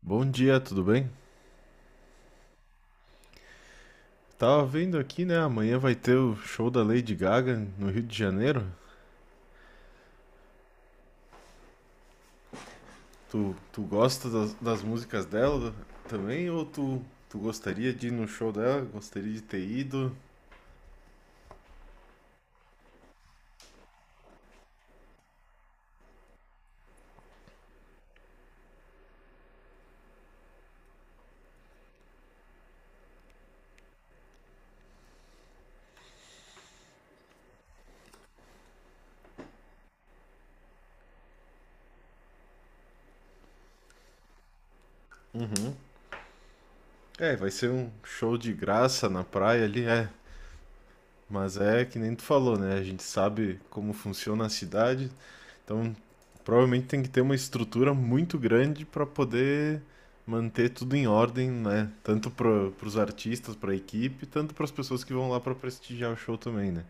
Bom dia, tudo bem? Tava vendo aqui, né? Amanhã vai ter o show da Lady Gaga no Rio de Janeiro. Tu gosta das músicas dela também? Ou tu gostaria de ir no show dela? Gostaria de ter ido? É, vai ser um show de graça na praia ali, é. Mas é que nem tu falou, né? A gente sabe como funciona a cidade, então provavelmente tem que ter uma estrutura muito grande para poder manter tudo em ordem, né? Tanto para os artistas, para a equipe, tanto para as pessoas que vão lá para prestigiar o show também, né?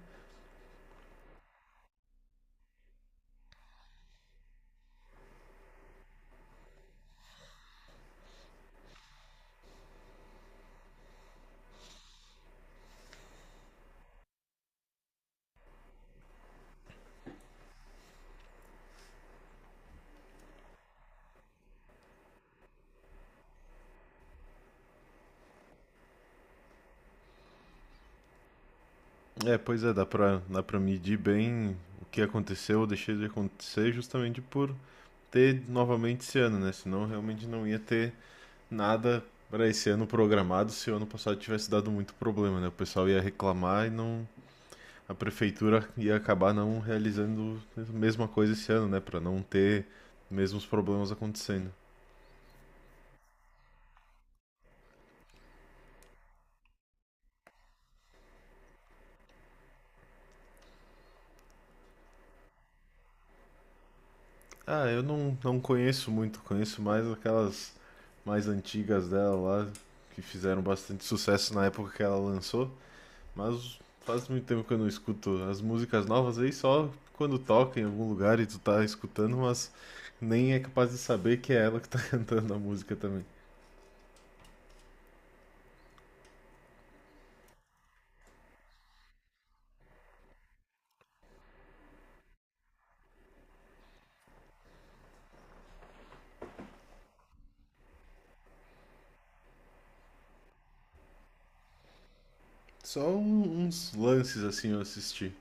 É, pois é, dá para medir bem o que aconteceu ou deixou de acontecer justamente por ter novamente esse ano, né? Senão realmente não ia ter nada para esse ano programado se o ano passado tivesse dado muito problema, né? O pessoal ia reclamar e não, a prefeitura ia acabar não realizando a mesma coisa esse ano, né, para não ter mesmos problemas acontecendo. Ah, eu não conheço muito, conheço mais aquelas mais antigas dela lá que fizeram bastante sucesso na época que ela lançou. Mas faz muito tempo que eu não escuto as músicas novas aí, só quando toca em algum lugar e tu tá escutando, mas nem é capaz de saber que é ela que tá cantando a música também. Só uns lances assim eu assisti.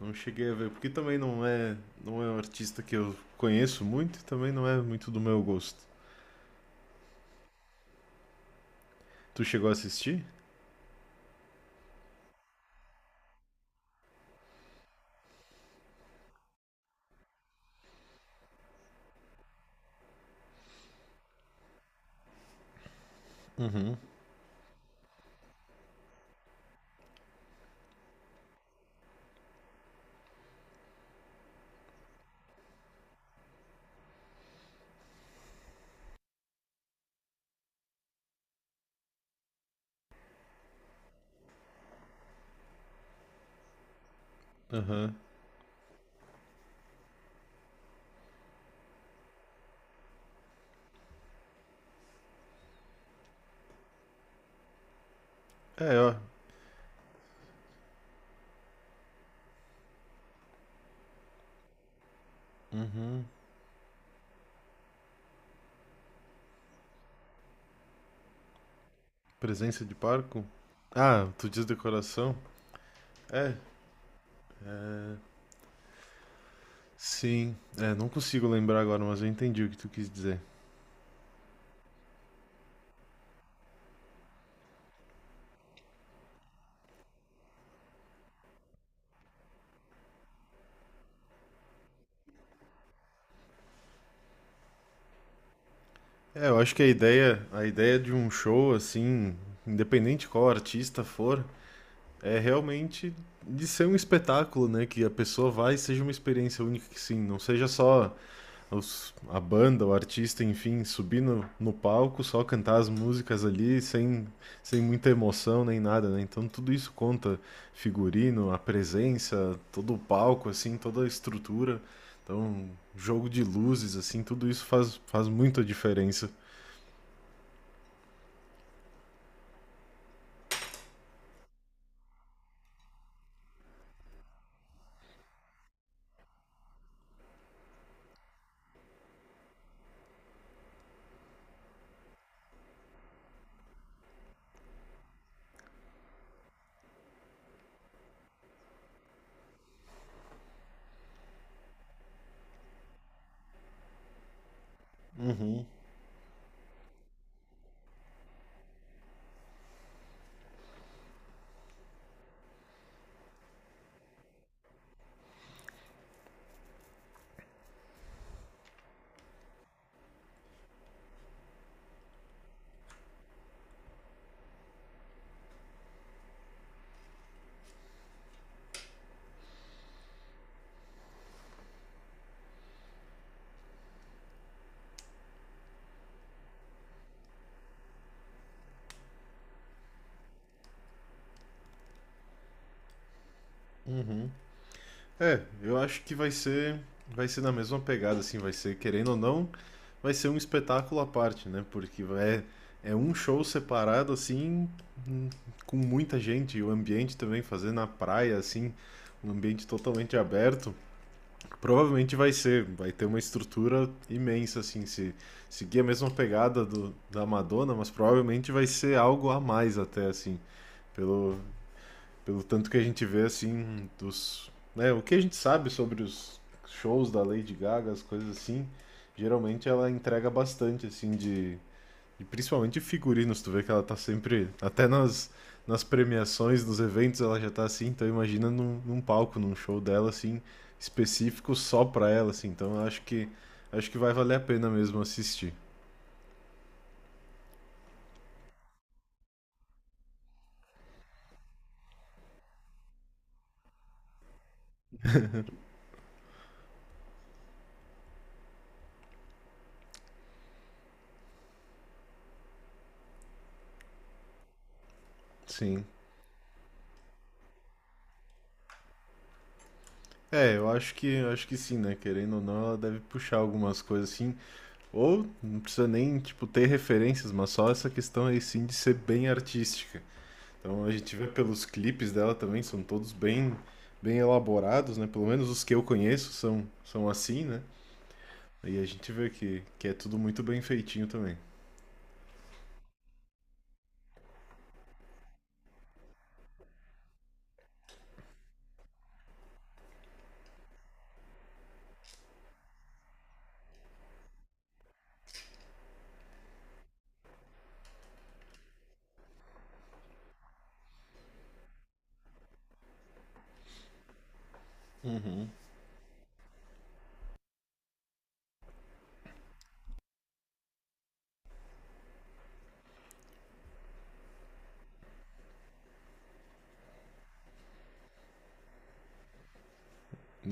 Não cheguei a ver, porque também não é um artista que eu conheço muito e também não é muito do meu gosto. Tu chegou a assistir? Aham. É, ó, presença de Parco. Ah, tu diz decoração? É, sim. É, não consigo lembrar agora, mas eu entendi o que tu quis dizer. É, eu acho que a ideia de um show assim, independente qual artista for, é realmente de ser um espetáculo, né? Que a pessoa vai e seja uma experiência única, que sim, não seja só a banda, o artista, enfim, subir no palco, só cantar as músicas ali, sem muita emoção nem nada, né? Então tudo isso conta, figurino, a presença, todo o palco, assim, toda a estrutura, então jogo de luzes, assim, tudo isso faz, faz muita diferença. Uhum. É, eu acho que vai ser na mesma pegada, assim, vai ser, querendo ou não, vai ser um espetáculo à parte, né? É um show separado, assim, hum, com muita gente, e o ambiente também, fazer na praia, assim, um ambiente totalmente aberto. Provavelmente vai ser, vai ter uma estrutura imensa, assim, se seguir a mesma pegada da Madonna, mas provavelmente vai ser algo a mais até, assim, pelo, pelo tanto que a gente vê, assim, dos. Né, o que a gente sabe sobre os shows da Lady Gaga, as coisas assim, geralmente ela entrega bastante, assim, de. E principalmente figurinos, tu vê que ela tá sempre. Até nas premiações, nos eventos, ela já tá assim, então imagina num palco, num show dela, assim, específico só pra ela, assim. Então eu acho que. Acho que vai valer a pena mesmo assistir. Sim. É, eu acho que sim, né? Querendo ou não, ela deve puxar algumas coisas assim. Ou não precisa nem, tipo, ter referências, mas só essa questão aí sim de ser bem artística. Então a gente vê pelos clipes dela também, são todos bem elaborados, né? Pelo menos os que eu conheço são assim, né? E a gente vê que é tudo muito bem feitinho também.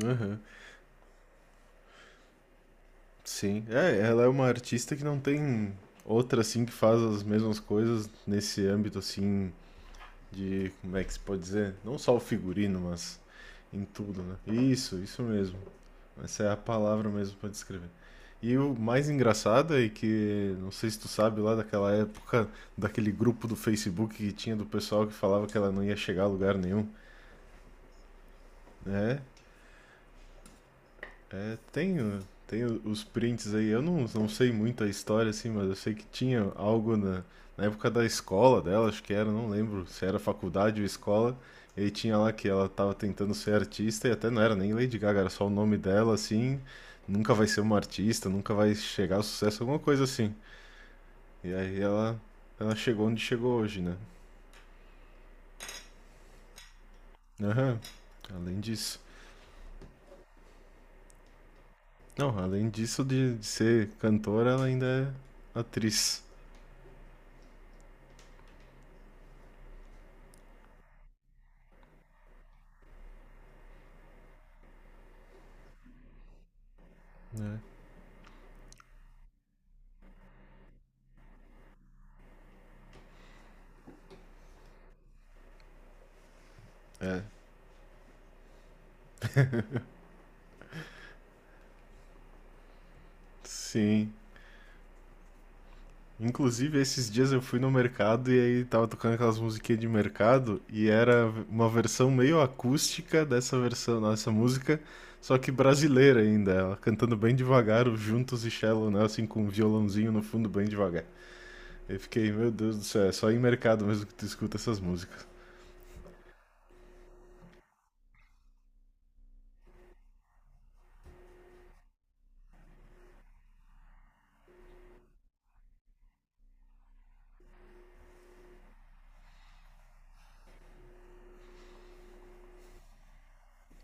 Aham. Sim. É, ela é uma artista que não tem outra assim que faz as mesmas coisas nesse âmbito assim de, como é que se pode dizer? Não só o figurino, mas em tudo, né? Isso mesmo. Essa é a palavra mesmo pra descrever. E o mais engraçado é que, não sei se tu sabe, lá daquela época, daquele grupo do Facebook que tinha do pessoal que falava que ela não ia chegar a lugar nenhum, né? É, tem, tem os prints aí. Eu não sei muito a história, assim, mas eu sei que tinha algo na, na época da escola dela, acho que era, não lembro se era faculdade ou escola. E aí tinha lá que ela tava tentando ser artista e até não era nem Lady Gaga, era só o nome dela, assim. Nunca vai ser uma artista, nunca vai chegar ao sucesso, alguma coisa assim. E aí ela, ela chegou onde chegou hoje, né? Aham, além disso. Não, além disso de ser cantora, ela ainda é atriz. Né? É, sim. Inclusive, esses dias eu fui no mercado e aí tava tocando aquelas musiquinhas de mercado e era uma versão meio acústica dessa versão, dessa música, só que brasileira ainda, ela cantando bem devagar, o Juntos e Shallow Now, assim, com um violãozinho no fundo bem devagar. Eu fiquei, meu Deus do céu, é só em mercado mesmo que tu escuta essas músicas,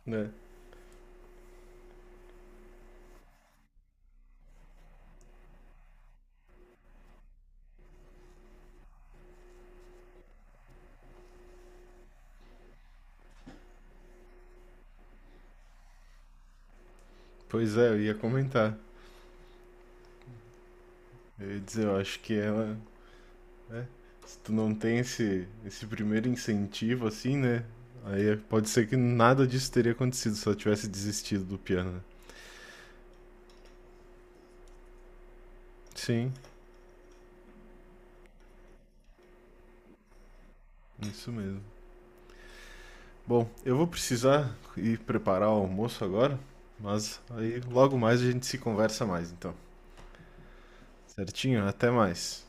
né? Pois é, eu ia comentar. Eu ia dizer, eu acho que ela É. Se tu não tem esse primeiro incentivo, assim, né? Aí pode ser que nada disso teria acontecido se ela tivesse desistido do piano, né? Sim, isso mesmo. Bom, eu vou precisar ir preparar o almoço agora, mas aí logo mais a gente se conversa mais, então. Certinho? Até mais.